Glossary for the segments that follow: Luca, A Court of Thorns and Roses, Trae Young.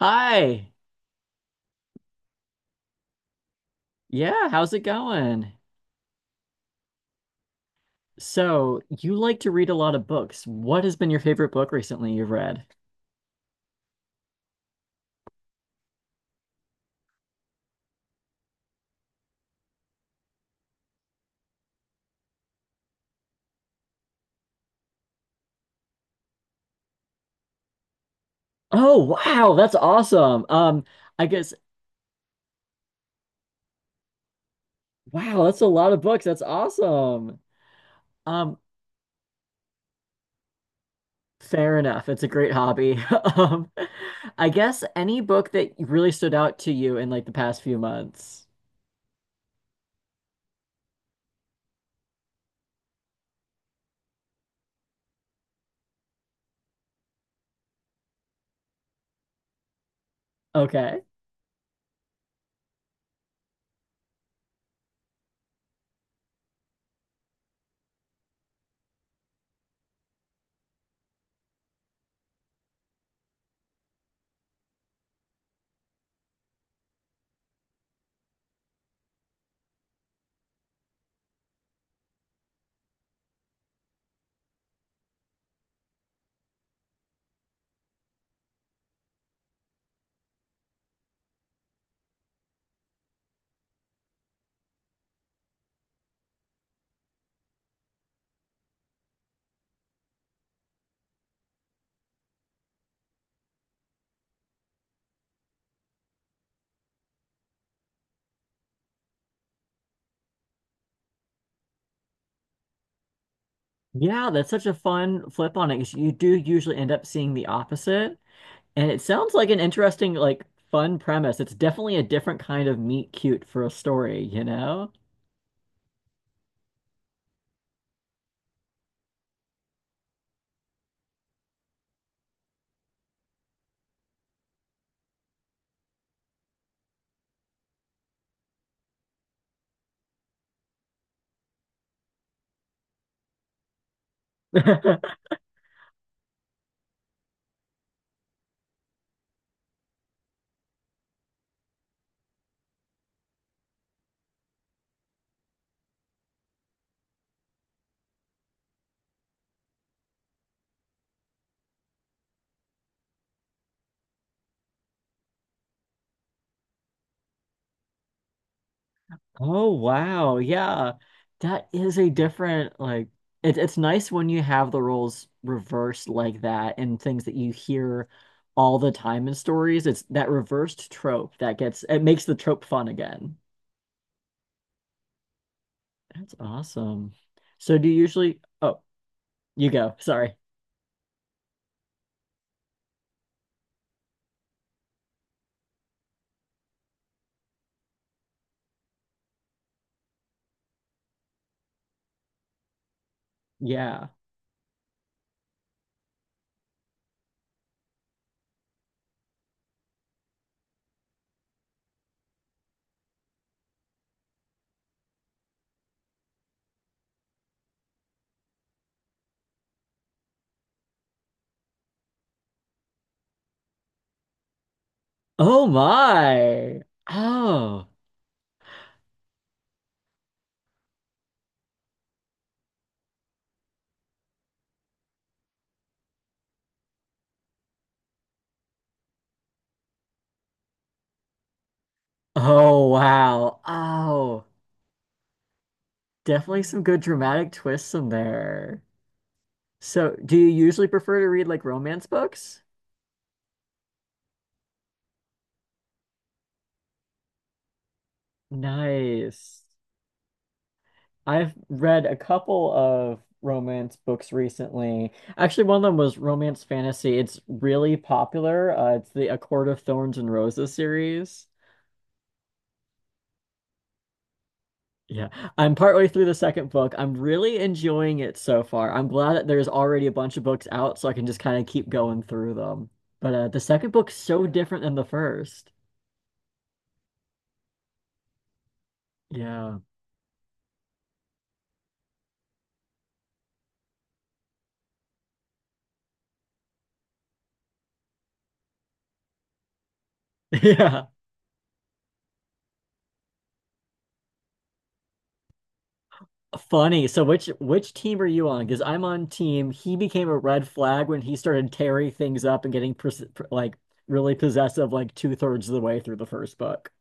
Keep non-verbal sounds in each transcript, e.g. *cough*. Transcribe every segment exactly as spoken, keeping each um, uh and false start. Hi. Yeah, how's it going? So, you like to read a lot of books. What has been your favorite book recently you've read? Oh, wow, that's awesome. Um, I guess wow, that's a lot of books. That's awesome. Um, fair enough. It's a great hobby. *laughs* Um, I guess any book that really stood out to you in like the past few months. Okay. Yeah, that's such a fun flip on it because you do usually end up seeing the opposite. And it sounds like an interesting, like, fun premise. It's definitely a different kind of meet cute for a story, you know? *laughs* Oh, wow. Yeah. That is a different, like, it, it's nice when you have the roles reversed like that and things that you hear all the time in stories. It's that reversed trope that gets, it makes the trope fun again. That's awesome. So do you usually, oh, you go. Sorry. Yeah. Oh my. Oh. Oh, wow. Oh, definitely some good dramatic twists in there. So, do you usually prefer to read like romance books? Nice. I've read a couple of romance books recently. Actually, one of them was romance fantasy. It's really popular. Uh, it's the A Court of Thorns and Roses series. Yeah, I'm partway through the second book. I'm really enjoying it so far. I'm glad that there's already a bunch of books out, so I can just kind of keep going through them. But uh, the second book's so different than the first. Yeah, *laughs* yeah. Funny. So which which team are you on? Because I'm on team. He became a red flag when he started tearing things up and getting pers pr- like really possessive, like two thirds of the way through the first book.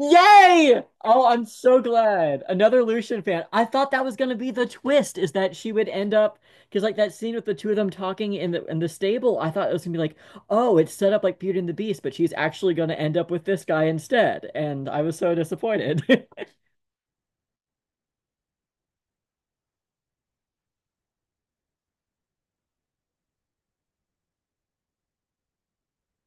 Yay! Oh, I'm so glad. Another Lucian fan. I thought that was gonna be the twist, is that she would end up because like that scene with the two of them talking in the in the stable, I thought it was gonna be like, oh, it's set up like Beauty and the Beast, but she's actually gonna end up with this guy instead. And I was so disappointed. *laughs*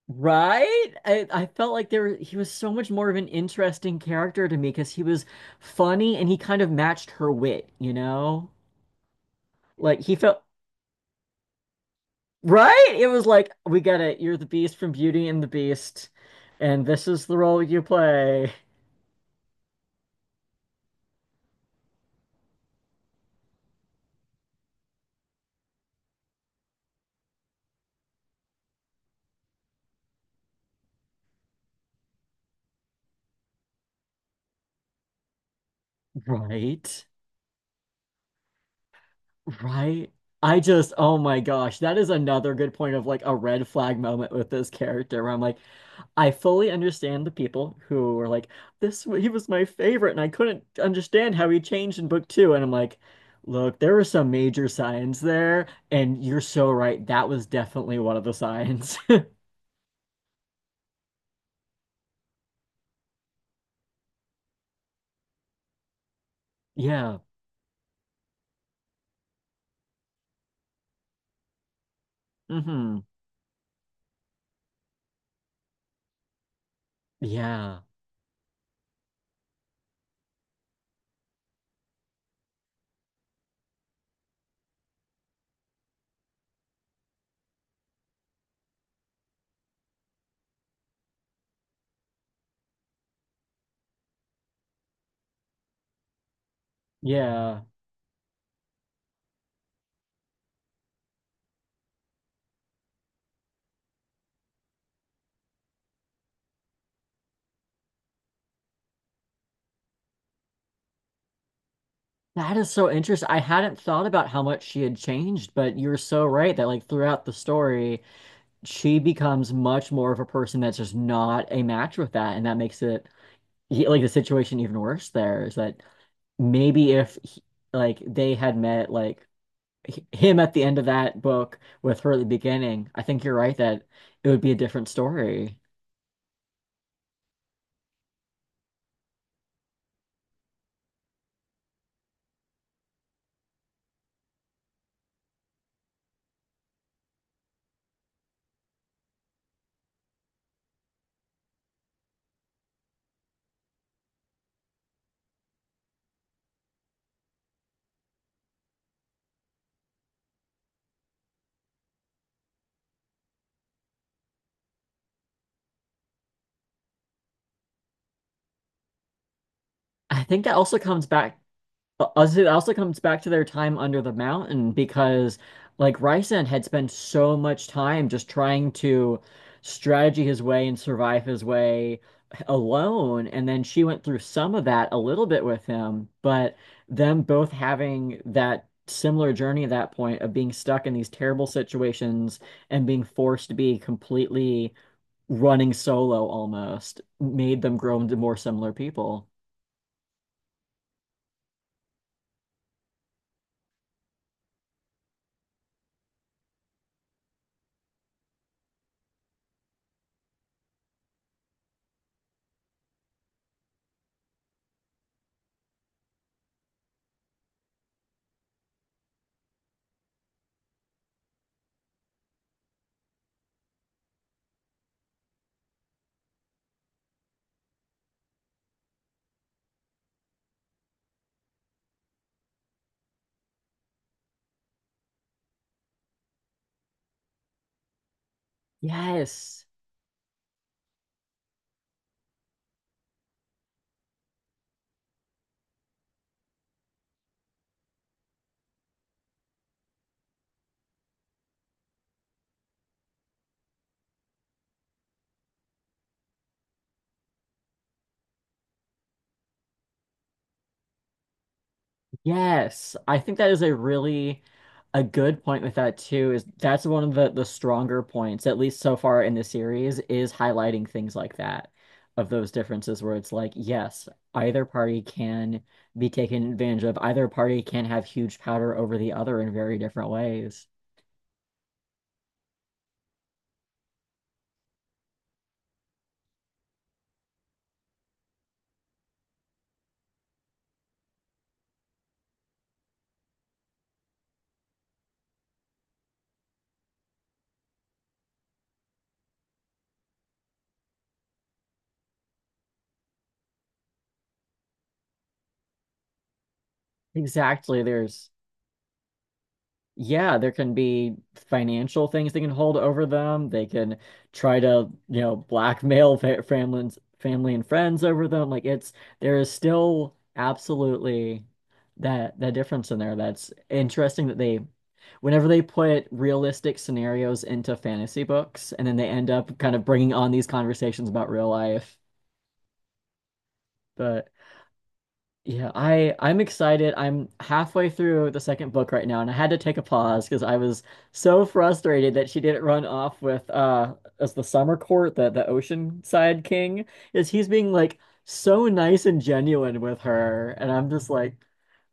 Right? I, I felt like there he was so much more of an interesting character to me because he was funny and he kind of matched her wit, you know? Like he felt right? It was like, we get it. You're the Beast from Beauty and the Beast, and this is the role you play. Right? Right? I just, oh my gosh, that is another good point of like a red flag moment with this character where I'm like, I fully understand the people who were like, this, he was my favorite, and I couldn't understand how he changed in book two. And I'm like, look, there were some major signs there, and you're so right. That was definitely one of the signs. *laughs* Yeah. Hmm. Yeah. Yeah. That is so interesting. I hadn't thought about how much she had changed, but you're so right that like throughout the story, she becomes much more of a person that's just not a match with that, and that makes it he- like the situation even worse there is that maybe if he- like they had met like h- him at the end of that book with her at the beginning, I think you're right that it would be a different story. I think that also comes back Uh, also, it also comes back to their time under the mountain because, like, Ryzen had spent so much time just trying to strategy his way and survive his way alone. And then she went through some of that a little bit with him, but them both having that similar journey at that point of being stuck in these terrible situations and being forced to be completely running solo almost made them grow into more similar people. Yes. Yes, I think that is a really a good point with that too, is that's one of the the stronger points, at least so far in the series, is highlighting things like that, of those differences where it's like, yes, either party can be taken advantage of, either party can have huge power over the other in very different ways. Exactly, there's yeah, there can be financial things they can hold over them. They can try to, you know, blackmail fa families, family and friends over them. Like it's there is still absolutely that that difference in there. That's interesting that they whenever they put realistic scenarios into fantasy books and then they end up kind of bringing on these conversations about real life. But yeah, I I'm excited. I'm halfway through the second book right now, and I had to take a pause because I was so frustrated that she didn't run off with uh as the Summer Court, the the Oceanside King, is he's being like so nice and genuine with her, and I'm just like,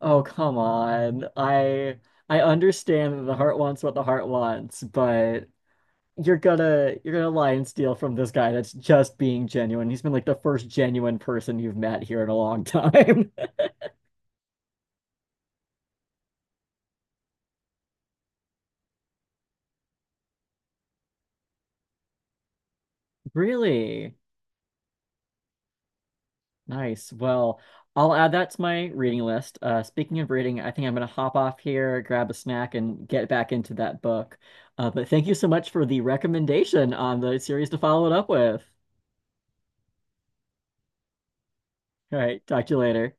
oh come on. I I understand that the heart wants what the heart wants, but you're gonna you're gonna lie and steal from this guy that's just being genuine. He's been like the first genuine person you've met here in a long *laughs* time. Really? Nice. Well, I'll add that to my reading list. Uh, speaking of reading, I think I'm going to hop off here, grab a snack, and get back into that book. Uh, but thank you so much for the recommendation on the series to follow it up with. All right, talk to you later.